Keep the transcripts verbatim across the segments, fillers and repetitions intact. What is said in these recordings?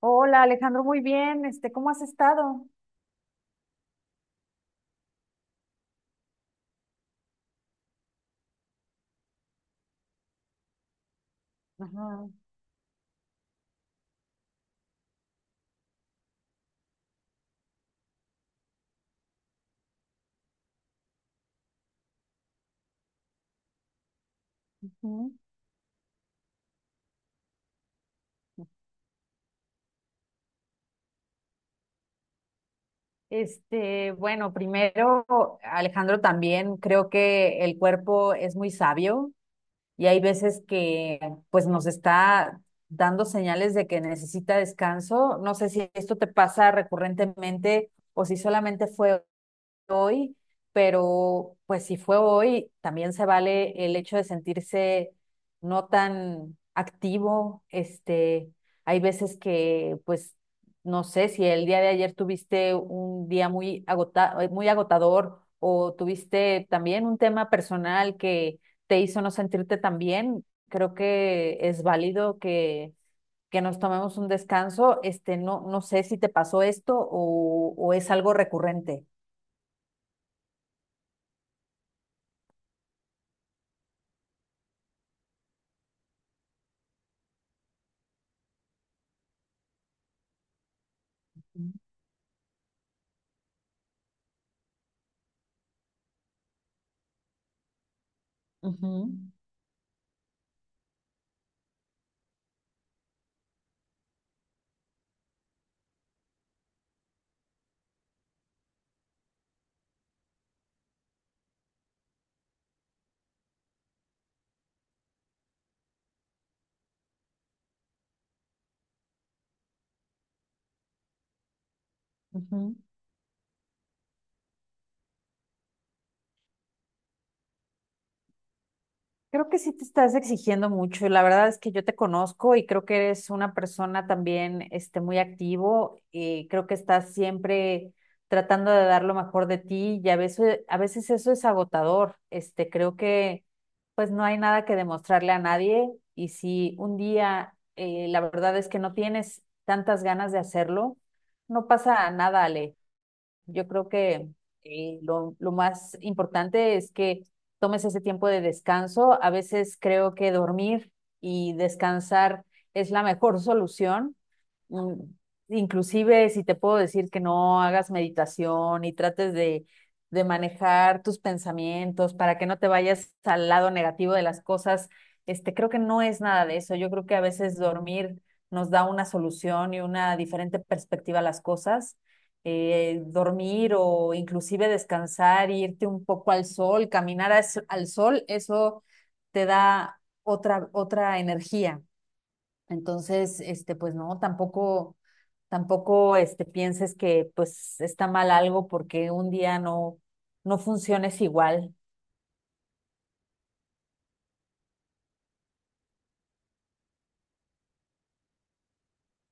Hola Alejandro, muy bien. Este, ¿cómo has estado? Ajá, ujú. Este, bueno, primero, Alejandro, también creo que el cuerpo es muy sabio y hay veces que pues nos está dando señales de que necesita descanso. No sé si esto te pasa recurrentemente o si solamente fue hoy, pero pues si fue hoy, también se vale el hecho de sentirse no tan activo. Este, hay veces que, pues, no sé, si el día de ayer tuviste un día muy agota- eh, muy agotador o tuviste también un tema personal que te hizo no sentirte tan bien, creo que es válido que que nos tomemos un descanso, este, no, no sé si te pasó esto o, o es algo recurrente. Ujú, ujú. Creo que sí te estás exigiendo mucho y la verdad es que yo te conozco y creo que eres una persona también este, muy activo y creo que estás siempre tratando de dar lo mejor de ti y a veces, a veces eso es agotador. Este, creo que pues no hay nada que demostrarle a nadie y si un día eh, la verdad es que no tienes tantas ganas de hacerlo, no pasa nada, Ale. Yo creo que eh, lo, lo más importante es que tomes ese tiempo de descanso. A veces creo que dormir y descansar es la mejor solución mm, inclusive si te puedo decir que no hagas meditación y trates de, de manejar tus pensamientos para que no te vayas al lado negativo de las cosas, este, creo que no es nada de eso. Yo creo que a veces dormir nos da una solución y una diferente perspectiva a las cosas. Eh, dormir o inclusive descansar, irte un poco al sol, caminar as- al sol, eso te da otra, otra energía. Entonces, este, pues no, tampoco, tampoco, este, pienses que pues está mal algo porque un día no, no funciones igual.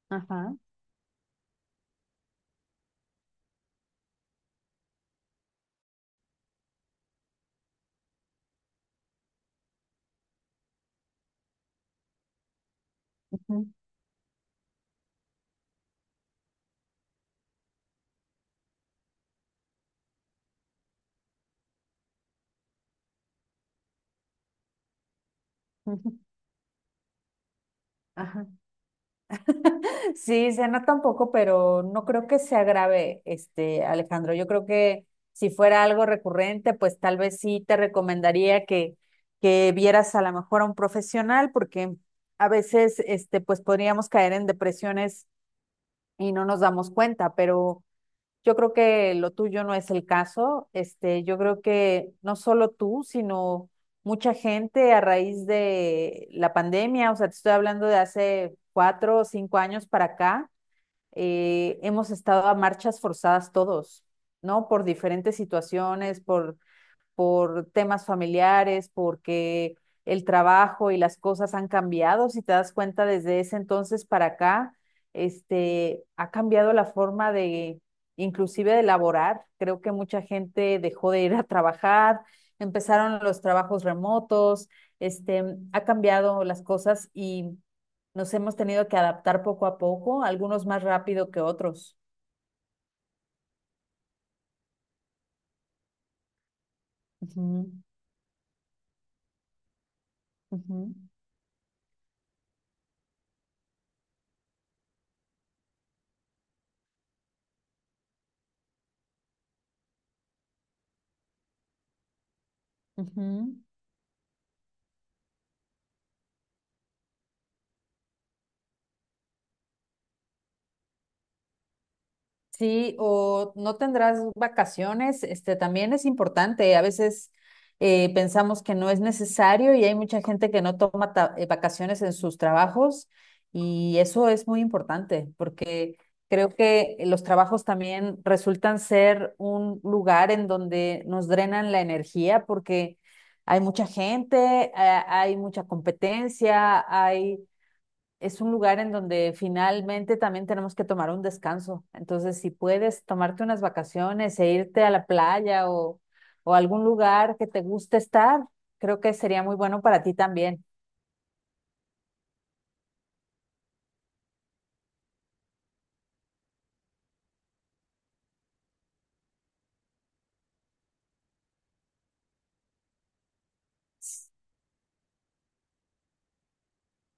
Ajá, ujú, ujú. Ajá. Sí, cena tampoco, pero no creo que sea grave, este, Alejandro. Yo creo que si fuera algo recurrente, pues tal vez sí te recomendaría que, que vieras a lo mejor a un profesional, porque a veces, este, pues podríamos caer en depresiones y no nos damos cuenta, pero yo creo que lo tuyo no es el caso. Este, yo creo que no solo tú, sino mucha gente a raíz de la pandemia, o sea, te estoy hablando de hace cuatro o cinco años para acá, eh, hemos estado a marchas forzadas todos, ¿no? Por diferentes situaciones, por por temas familiares, porque el trabajo y las cosas han cambiado, si te das cuenta desde ese entonces para acá, este, ha cambiado la forma de, inclusive de laborar. Creo que mucha gente dejó de ir a trabajar, empezaron los trabajos remotos, este, ha cambiado las cosas y nos hemos tenido que adaptar poco a poco, algunos más rápido que otros. Ujú, ujú, ujú. Sí, o no tendrás vacaciones, este también es importante. A veces eh, pensamos que no es necesario y hay mucha gente que no toma ta- eh, vacaciones en sus trabajos y eso es muy importante porque creo que los trabajos también resultan ser un lugar en donde nos drenan la energía porque hay mucha gente, eh, hay mucha competencia, hay es un lugar en donde finalmente también tenemos que tomar un descanso. Entonces, si puedes tomarte unas vacaciones e irte a la playa o, o a algún lugar que te guste estar, creo que sería muy bueno para ti también.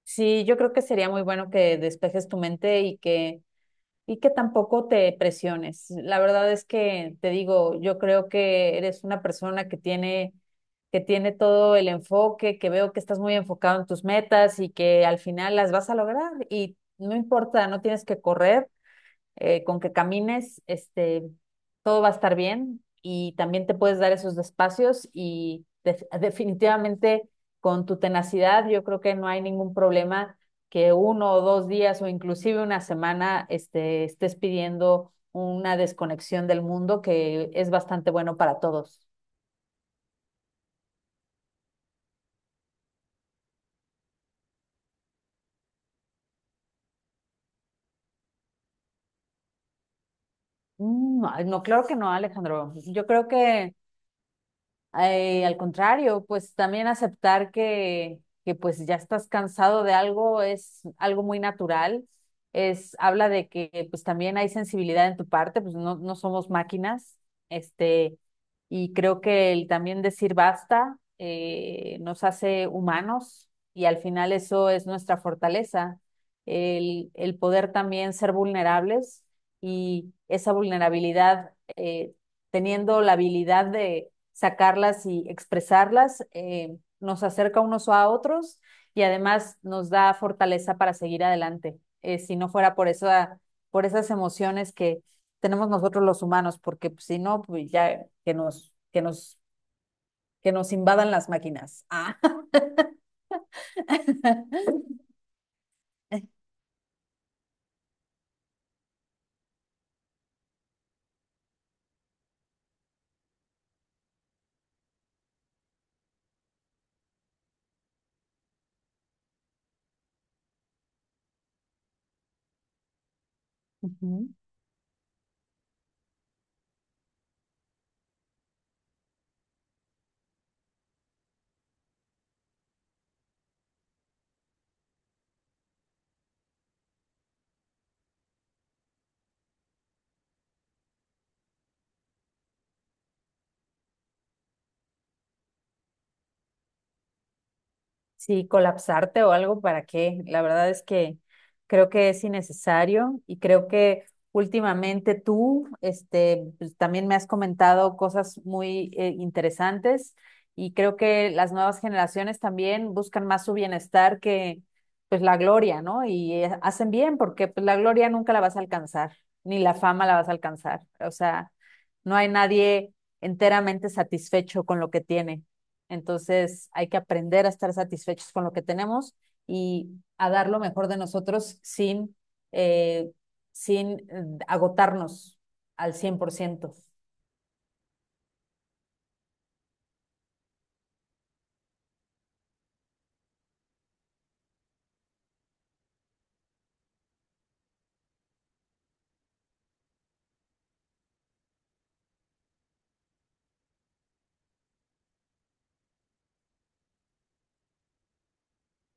Sí, yo creo que sería muy bueno que despejes tu mente y que y que tampoco te presiones. La verdad es que te digo, yo creo que eres una persona que tiene, que tiene todo el enfoque, que veo que estás muy enfocado en tus metas y que al final las vas a lograr. Y no importa, no tienes que correr, eh, con que camines, este, todo va a estar bien y también te puedes dar esos espacios y def- definitivamente con tu tenacidad yo creo que no hay ningún problema que uno o dos días o inclusive una semana este, estés pidiendo una desconexión del mundo que es bastante bueno para todos. Mm, no, no, claro que no, Alejandro. Yo creo que Eh, al contrario, pues también aceptar que, que pues ya estás cansado de algo es algo muy natural, es, habla de que pues también hay sensibilidad en tu parte, pues no, no somos máquinas, este, y creo que el también decir basta eh, nos hace humanos y al final eso es nuestra fortaleza, el, el poder también ser vulnerables y esa vulnerabilidad eh, teniendo la habilidad de sacarlas y expresarlas, eh, nos acerca unos a otros y además nos da fortaleza para seguir adelante. Eh, si no fuera por esa, por esas emociones que tenemos nosotros los humanos, porque pues, si no, pues ya que nos, que nos, que nos invadan las máquinas. Ah. Ujú. Sí, colapsarte o algo, ¿para qué? La verdad es que creo que es innecesario y creo que últimamente tú, este, pues, también me has comentado cosas muy eh, interesantes y creo que las nuevas generaciones también buscan más su bienestar que pues la gloria, ¿no? Y eh, hacen bien porque pues la gloria nunca la vas a alcanzar, ni la fama la vas a alcanzar. O sea, no hay nadie enteramente satisfecho con lo que tiene. Entonces hay que aprender a estar satisfechos con lo que tenemos y a dar lo mejor de nosotros sin, eh, sin eh, agotarnos al cien por ciento.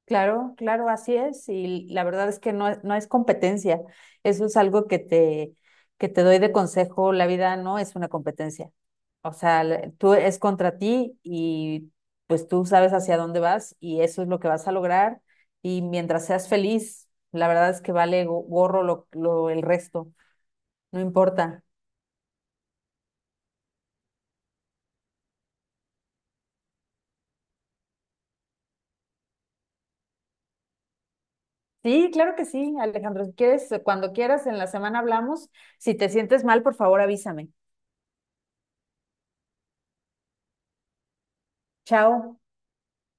Claro, claro, así es. Y la verdad es que no, es- no es competencia. Eso es algo que te, que te doy de consejo. La vida no es una competencia. O sea, la- tú es contra ti y pues tú sabes hacia dónde vas y eso es lo que vas a lograr. Y mientras seas feliz, la verdad es que vale go- gorro lo, lo, el resto. No importa. Sí, claro que sí, Alejandro. Si quieres, cuando quieras, en la semana hablamos. Si te sientes mal, por favor, avísame. Chao.